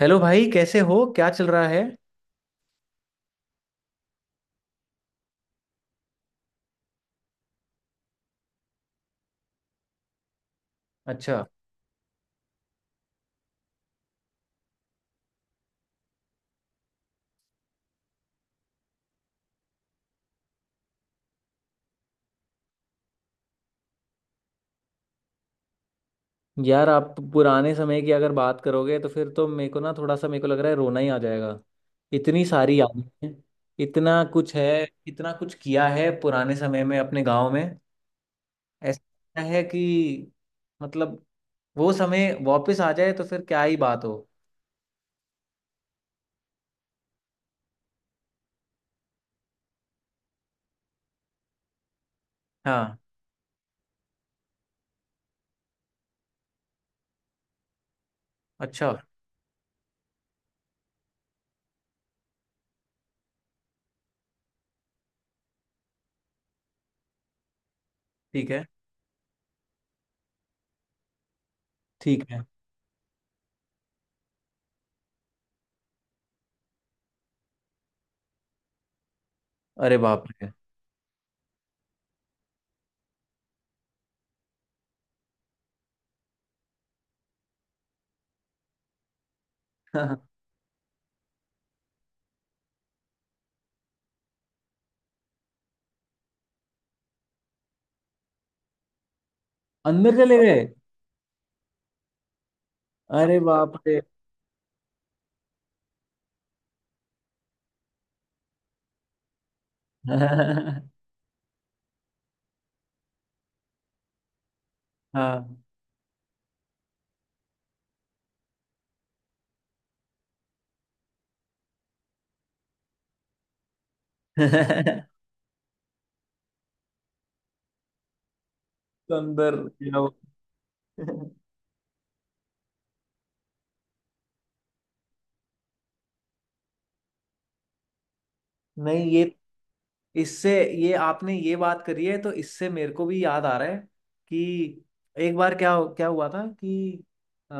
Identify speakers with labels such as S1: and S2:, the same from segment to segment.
S1: Hello भाई, कैसे हो? क्या चल रहा है? अच्छा। यार, आप पुराने समय की अगर बात करोगे तो फिर तो मेरे को ना थोड़ा सा मेरे को लग रहा है रोना ही आ जाएगा। इतनी सारी यादें हैं। इतना कुछ है। इतना कुछ किया है पुराने समय में अपने गांव में। ऐसा लगता है कि मतलब वो समय वापस आ जाए तो फिर क्या ही बात हो। हाँ। अच्छा। ठीक है। ठीक है। अरे बाप रे! अंदर चले गए? अरे बाप रे! हाँ। अंदर। नहीं। ये, इससे, ये आपने ये बात करी है तो इससे मेरे को भी याद आ रहा है कि एक बार क्या क्या हुआ था कि अ,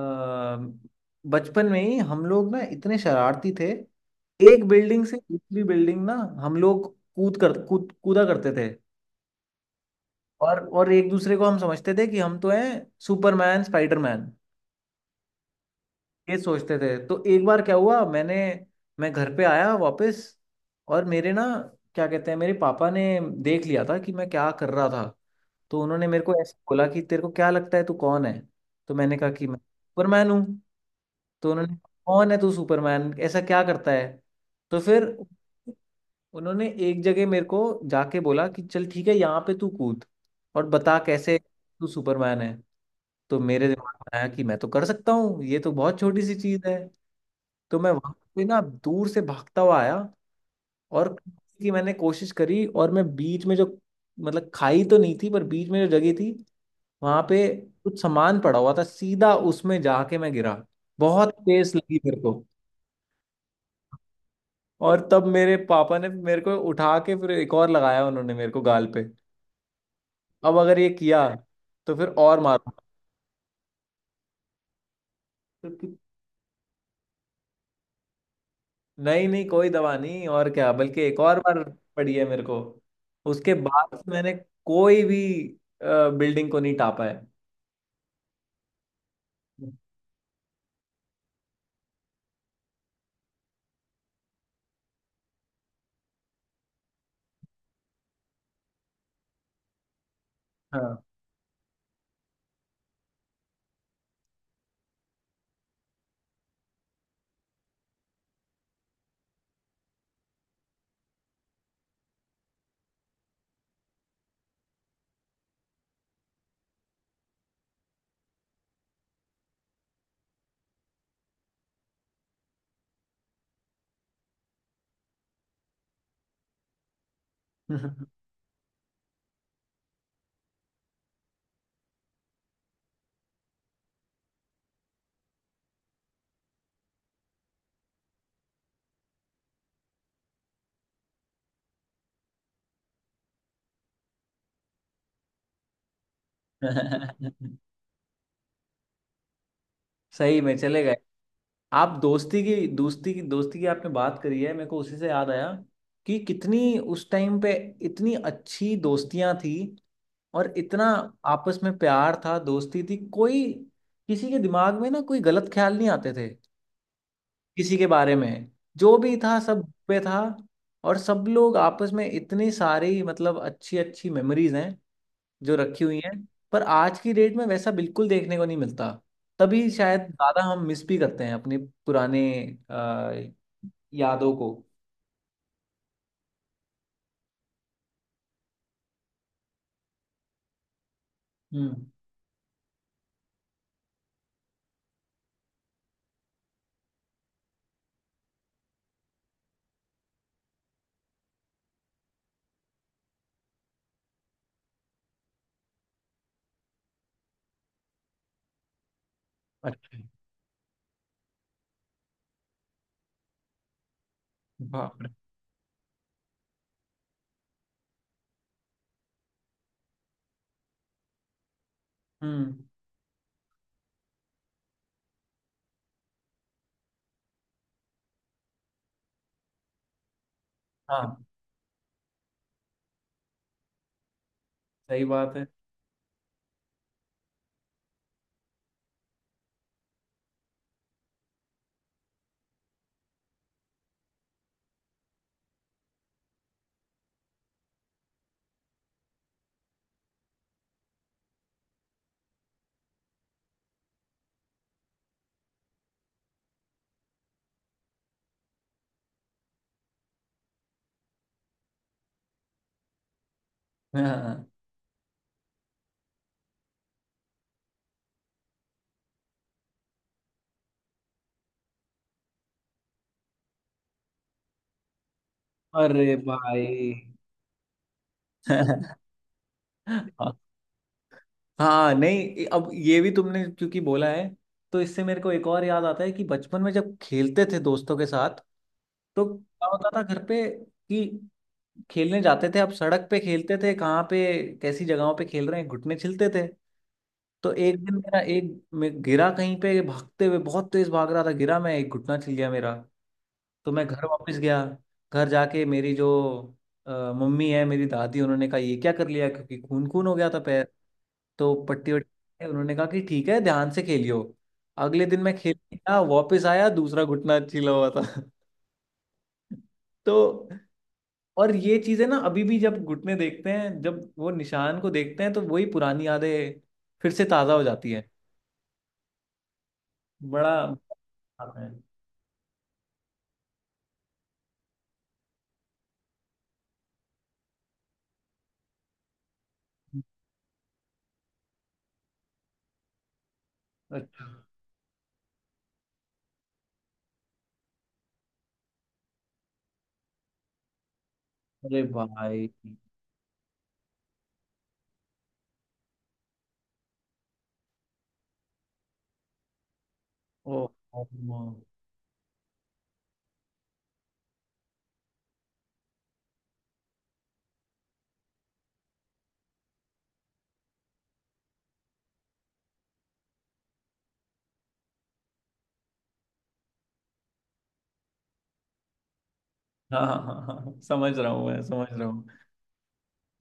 S1: बचपन में ही हम लोग ना इतने शरारती थे। एक बिल्डिंग से दूसरी बिल्डिंग ना हम लोग कूद कर कूदा करते थे। और एक दूसरे को हम समझते थे कि हम तो हैं सुपरमैन, स्पाइडरमैन। ये सोचते थे। तो एक बार क्या हुआ, मैं घर पे आया वापस, और मेरे ना, क्या कहते हैं, मेरे पापा ने देख लिया था कि मैं क्या कर रहा था। तो उन्होंने मेरे को ऐसे बोला कि तेरे को क्या लगता है, तू कौन है? तो मैंने कहा कि मैं सुपरमैन हूँ। तो उन्होंने कहा, कौन है तू सुपरमैन, ऐसा क्या करता है? तो फिर उन्होंने एक जगह मेरे को जाके बोला कि चल ठीक है, यहाँ पे तू कूद और बता कैसे तू सुपरमैन है। तो मेरे दिमाग में आया कि मैं तो कर सकता हूँ, ये तो बहुत छोटी सी चीज है। तो मैं वहां पे ना दूर से भागता हुआ आया और खाने की मैंने कोशिश करी, और मैं बीच में जो, मतलब खाई तो नहीं थी, पर बीच में जो जगह थी वहां पे कुछ सामान पड़ा हुआ था, सीधा उसमें जाके मैं गिरा। बहुत तेज लगी मेरे को। और तब मेरे पापा ने मेरे को उठा के फिर एक और लगाया उन्होंने मेरे को गाल पे। अब अगर ये किया तो फिर और मारो। नहीं नहीं, कोई दवा नहीं, और क्या, बल्कि एक और बार पड़ी है मेरे को। उसके बाद से मैंने कोई भी बिल्डिंग को नहीं टापा है। हाँ। सही में चले गए। आप दोस्ती की आपने बात करी है, मेरे को उसी से याद आया कि कितनी उस टाइम पे इतनी अच्छी दोस्तियां थी, और इतना आपस में प्यार था, दोस्ती थी, कोई किसी के दिमाग में ना कोई गलत ख्याल नहीं आते थे किसी के बारे में। जो भी था सब पे था, और सब लोग आपस में इतनी सारी मतलब अच्छी अच्छी मेमोरीज हैं जो रखी हुई हैं। पर आज की डेट में वैसा बिल्कुल देखने को नहीं मिलता। तभी शायद ज़्यादा हम मिस भी करते हैं अपने पुराने अ, यादों को। हम्म। अच्छा। बाप रे। हम्म। हाँ, सही बात है। हाँ। अरे भाई! हाँ। हाँ नहीं, अब ये भी तुमने क्योंकि बोला है तो इससे मेरे को एक और याद आता है कि बचपन में जब खेलते थे दोस्तों के साथ तो क्या होता था घर पे कि खेलने जाते थे, अब सड़क पे खेलते थे, कहाँ पे कैसी जगहों पे खेल रहे हैं, घुटने छिलते थे। तो एक दिन मेरा एक, मैं गिरा कहीं पे, भागते हुए बहुत तेज भाग रहा था, गिरा मैं, एक घुटना छिल गया मेरा। तो मैं घर वापस गया, घर जाके मेरी जो अ, मम्मी है, मेरी दादी, उन्होंने कहा ये क्या कर लिया, क्योंकि खून खून हो गया था पैर। तो पट्टी वट्टी, उन्होंने कहा कि ठीक है, ध्यान से खेलियो। अगले दिन मैं खेल गया, वापस आया, दूसरा घुटना छिला हुआ था। तो और ये चीजें ना अभी भी जब घुटने देखते हैं, जब वो निशान को देखते हैं, तो वही पुरानी यादें फिर से ताजा हो जाती है। बड़ा है। अच्छा। अरे भाई! ओ। ओ, ओ। हाँ हाँ हाँ हाँ, समझ रहा हूँ, मैं समझ रहा हूँ।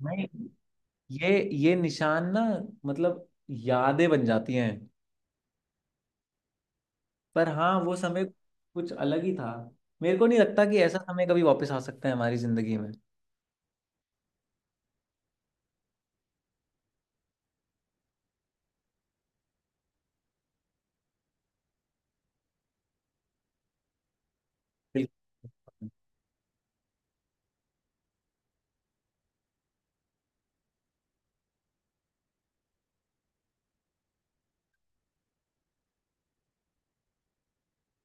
S1: नहीं, ये, ये निशान ना मतलब यादें बन जाती हैं। पर हाँ, वो समय कुछ अलग ही था। मेरे को नहीं लगता कि ऐसा समय कभी वापस आ सकता है हमारी जिंदगी में। बिल्कुल।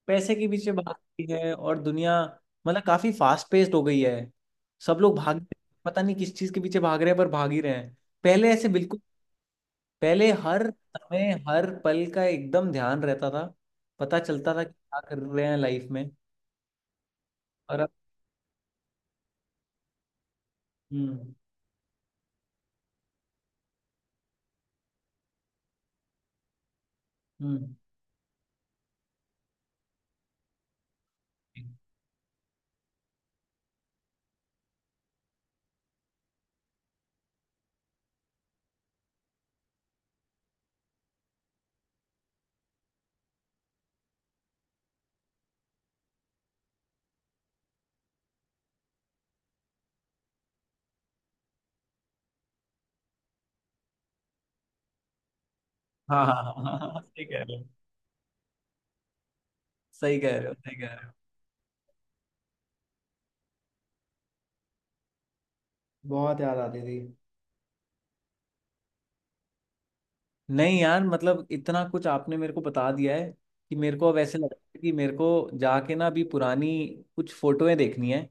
S1: पैसे के पीछे भागती है और दुनिया, मतलब काफी फास्ट पेस्ड हो गई है। सब लोग भाग, पता नहीं किस चीज के पीछे भाग रहे हैं, पर भाग ही रहे हैं। पहले ऐसे बिल्कुल, पहले हर समय हर पल का एकदम ध्यान रहता था, पता चलता था कि क्या कर रहे हैं लाइफ में। और अब। हम्म। हम्म। हाँ हाँ हाँ हाँ, हाँ, सही कह रहे हो, सही कह रहे हो, सही कह रहे हो। बहुत याद आती थी। नहीं यार, मतलब इतना कुछ आपने मेरे को बता दिया है कि मेरे को अब ऐसे लग रहा है कि मेरे को जाके ना अभी पुरानी कुछ फोटोएं देखनी है।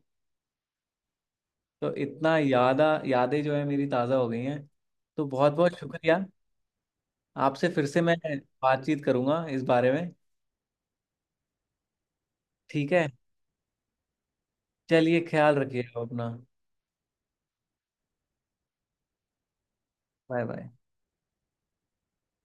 S1: तो इतना यादा यादें जो है मेरी ताज़ा हो गई हैं। तो बहुत बहुत शुक्रिया, आपसे फिर से मैं बातचीत करूंगा इस बारे में। ठीक है? चलिए, ख्याल रखिएगा अपना। Bye bye.